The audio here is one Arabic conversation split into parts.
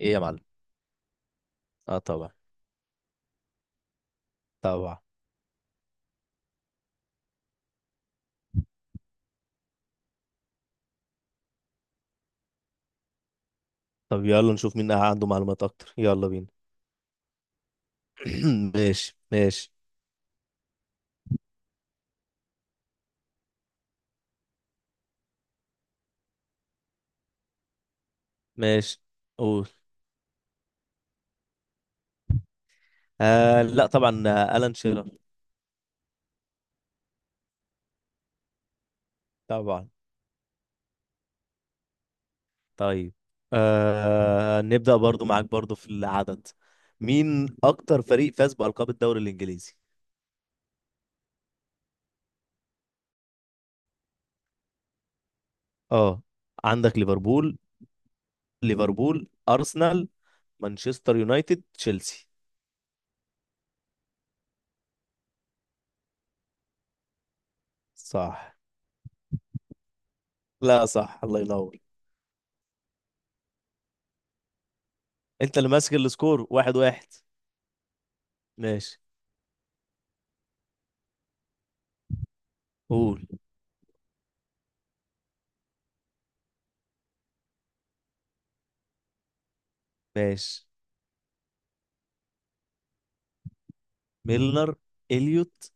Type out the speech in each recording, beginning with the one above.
ايه يا معلم. اه طبعا. طبعا. طب يلا نشوف مين عنده معلومات اكتر، يلا بينا. ماشي ماشي ماشي. قول. لا طبعا، ألان شيرر. طبعا. طيب، نبدأ برضو معاك برضو في العدد. مين اكتر فريق فاز بألقاب الدوري الانجليزي؟ اه عندك ليفربول، ليفربول ارسنال مانشستر يونايتد تشيلسي. صح. لا صح، الله ينور. انت اللي ماسك السكور. واحد واحد. ماشي. قول. ماشي. ميلنر، اليوت،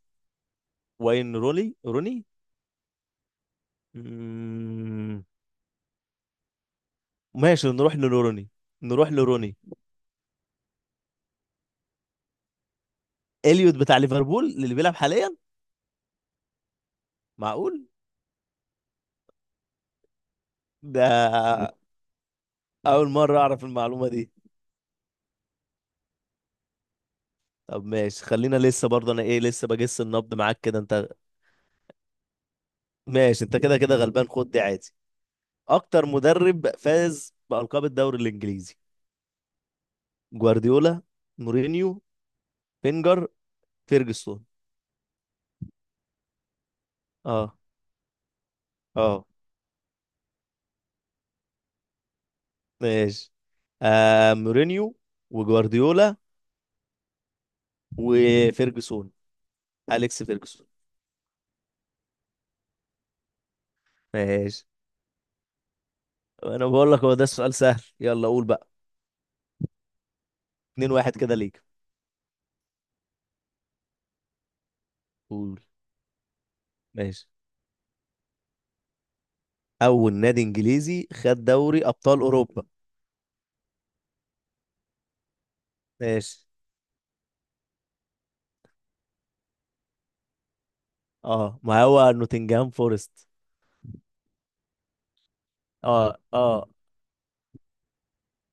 واين روني. مم، ماشي نروح لروني، نروح لروني. اليوت بتاع ليفربول اللي بيلعب حاليا؟ معقول. ده اول مره اعرف المعلومه دي. طب ماشي، خلينا لسه برضه انا ايه لسه بجس النبض معاك كده انت. ماشي، انت كده كده غلبان خد دي عادي. اكتر مدرب فاز بألقاب الدوري الانجليزي؟ جوارديولا، مورينيو، بينجر، فيرجسون. اه. اه. ماشي. آه مورينيو وجوارديولا وفيرجسون، أليكس فيرجسون. ماشي. انا بقول لك هو ده السؤال سهل، يلا قول بقى. 2 1 كده ليك. قول. ماشي. اول نادي انجليزي خد دوري ابطال اوروبا. ماشي. اه ما هو نوتنجهام فورست. اه. اه.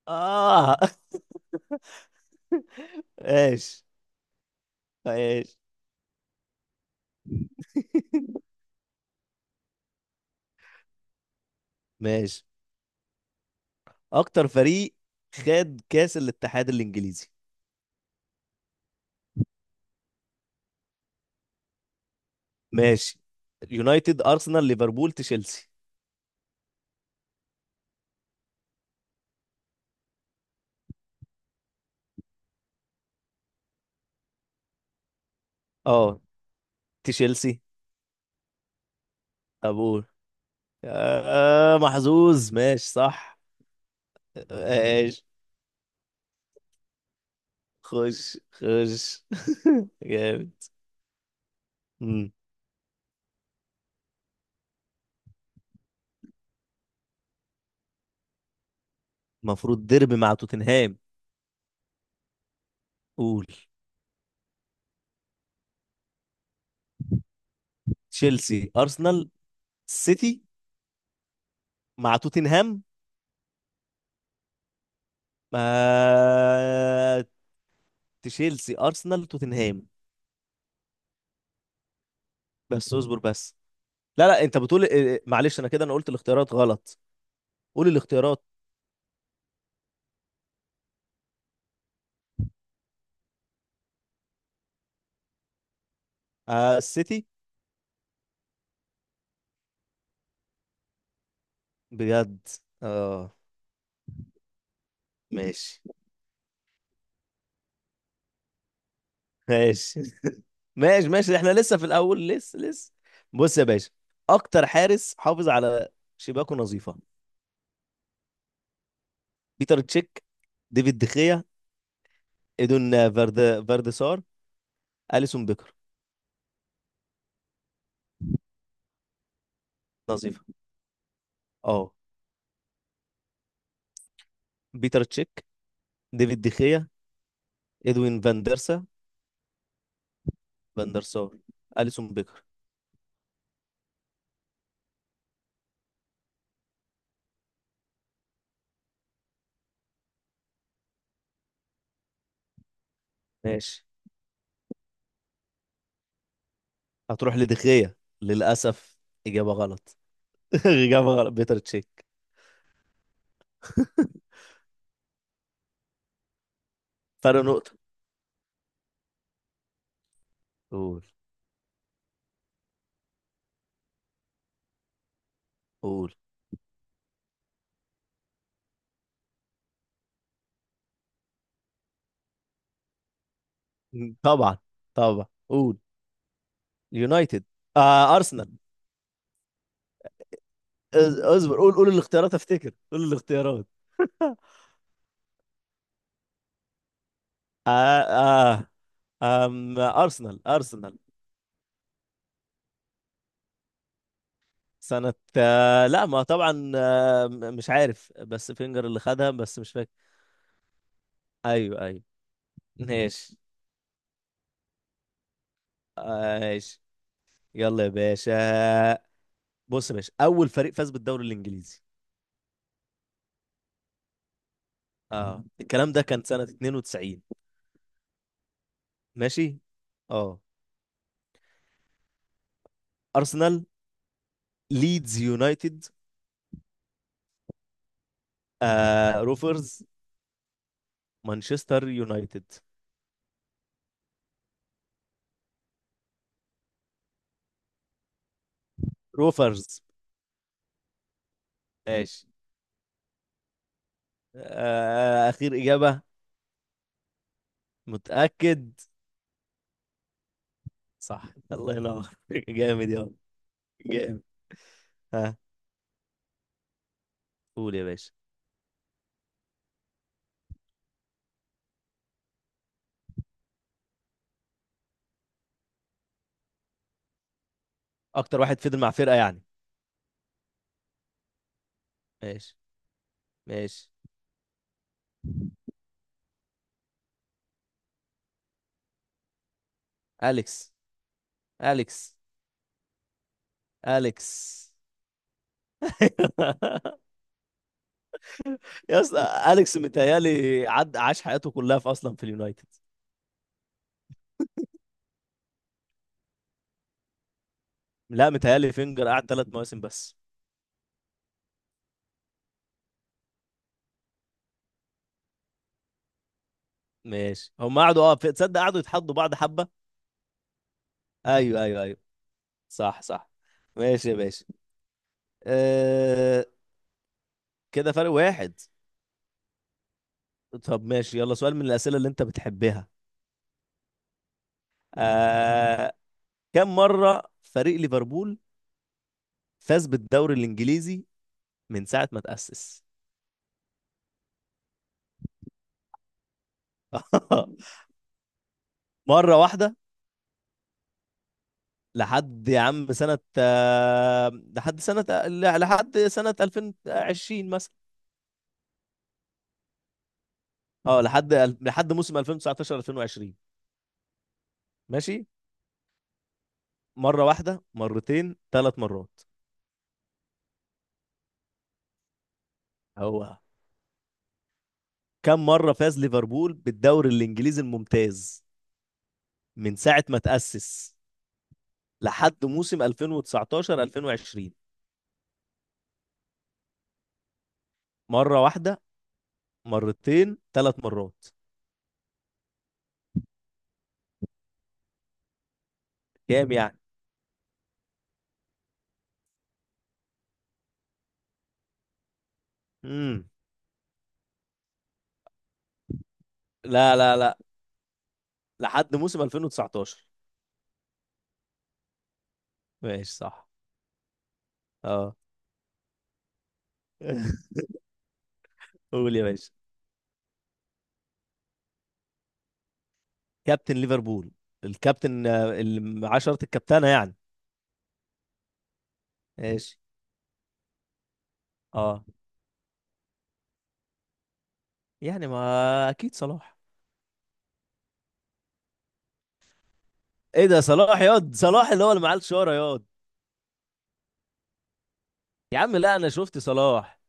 اه. ماشي. ماشي. ماشي. اكتر فريق خد كاس الاتحاد الانجليزي. ماشي، يونايتد ارسنال ليفربول تشيلسي. اه. تشيلسي. ابول. محظوظ، ماشي صح. ماشي. خش خش. جامد. مم. المفروض ديربي مع توتنهام. قول. تشيلسي ارسنال سيتي، مع توتنهام. آه... تشيلسي ارسنال توتنهام. بس اصبر بس. لا لا، انت بتقول إيه، معلش انا كده انا قلت الاختيارات غلط. قول الاختيارات. آه السيتي. بجد. اه. ماشي. ماشي. ماشي. ماشي احنا لسه في الاول، لسه لسه. بص يا باشا، اكتر حارس حافظ على شباكه نظيفه؟ بيتر تشيك، ديفيد دخيا، ايدون فارد فاردسار، اليسون بيكر. نظيفه. اه. بيتر تشيك، ديفيد دخيا، ادوين فان ديرسا، فان ديرسار، اليسون بيكر. ماشي. هتروح لدخيا. للاسف. اجابه غلط. اجابه غلط بيتر تشيك. فرق نقطه. قول. قول. طبعا. طبعا قول. يونايتد، آه ارسنال. اصبر، قول قول الاختيارات، افتكر، قول الاختيارات. آه آه. ارسنال ارسنال. سنة آه لا ما طبعا آه مش عارف، بس فينجر اللي خدها بس مش فاكر. ايوه ايوه. ماشي، ماشي. يلا يا باشا، بص يا باشا، اول فريق فاز بالدوري الانجليزي. اه الكلام ده كان سنة 92. ماشي. اه. ارسنال، ليدز يونايتد، آه روفرز، مانشستر يونايتد. روفرز. ماشي، اخير اجابه. متاكد؟ صح. الله ينور. جامد يا. جامد. ها. قول يا باشا. اكتر واحد فضل مع فرقه يعني. ماشي. ماشي. اليكس، اليكس، اليكس. يا اسطى اليكس متهيالي عد عاش حياته كلها في اصلا في اليونايتد. لا متهيالي فينجر قعد 3 مواسم بس. ماشي هم قعدوا، اه، تصدق قعدوا يتحدوا بعض حبه. ايوه ايوه ايوه. صح صح. ماشي يا باشا. أه... كده فرق واحد. طب ماشي يلا سؤال من الأسئلة اللي أنت بتحبها. آه... كم مرة فريق ليفربول فاز بالدوري الإنجليزي من ساعة ما تأسس؟ مرة واحدة. لحد يا عم سنة، لحد سنة، لحد سنة 2020 مثلا. اه لحد، لحد موسم 2019 2020. ماشي. مرة واحدة، مرتين، ثلاث مرات. هو كم مرة فاز ليفربول بالدوري الإنجليزي الممتاز من ساعة ما تأسس لحد موسم 2019 2020؟ مرة واحدة، مرتين، ثلاث مرات. كام يعني. امم لا لا لا، لحد موسم 2019. ماشي. صح. اه. قول يا باشا. كابتن ليفربول؟ الكابتن، اللي 10 الكابتنة يعني. ماشي. اه يعني ما اكيد صلاح. ايه ده، صلاح ياض، صلاح اللي هو اللي معاه الشارة ياض. يا عم لا انا شفت صلاح.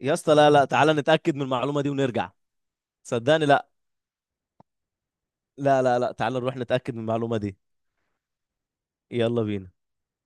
يا اسطى لا لا، تعالى نتأكد من المعلومة دي ونرجع. صدقني لا. لا لا لا، تعالى نروح نتأكد من المعلومة دي. يلا بينا.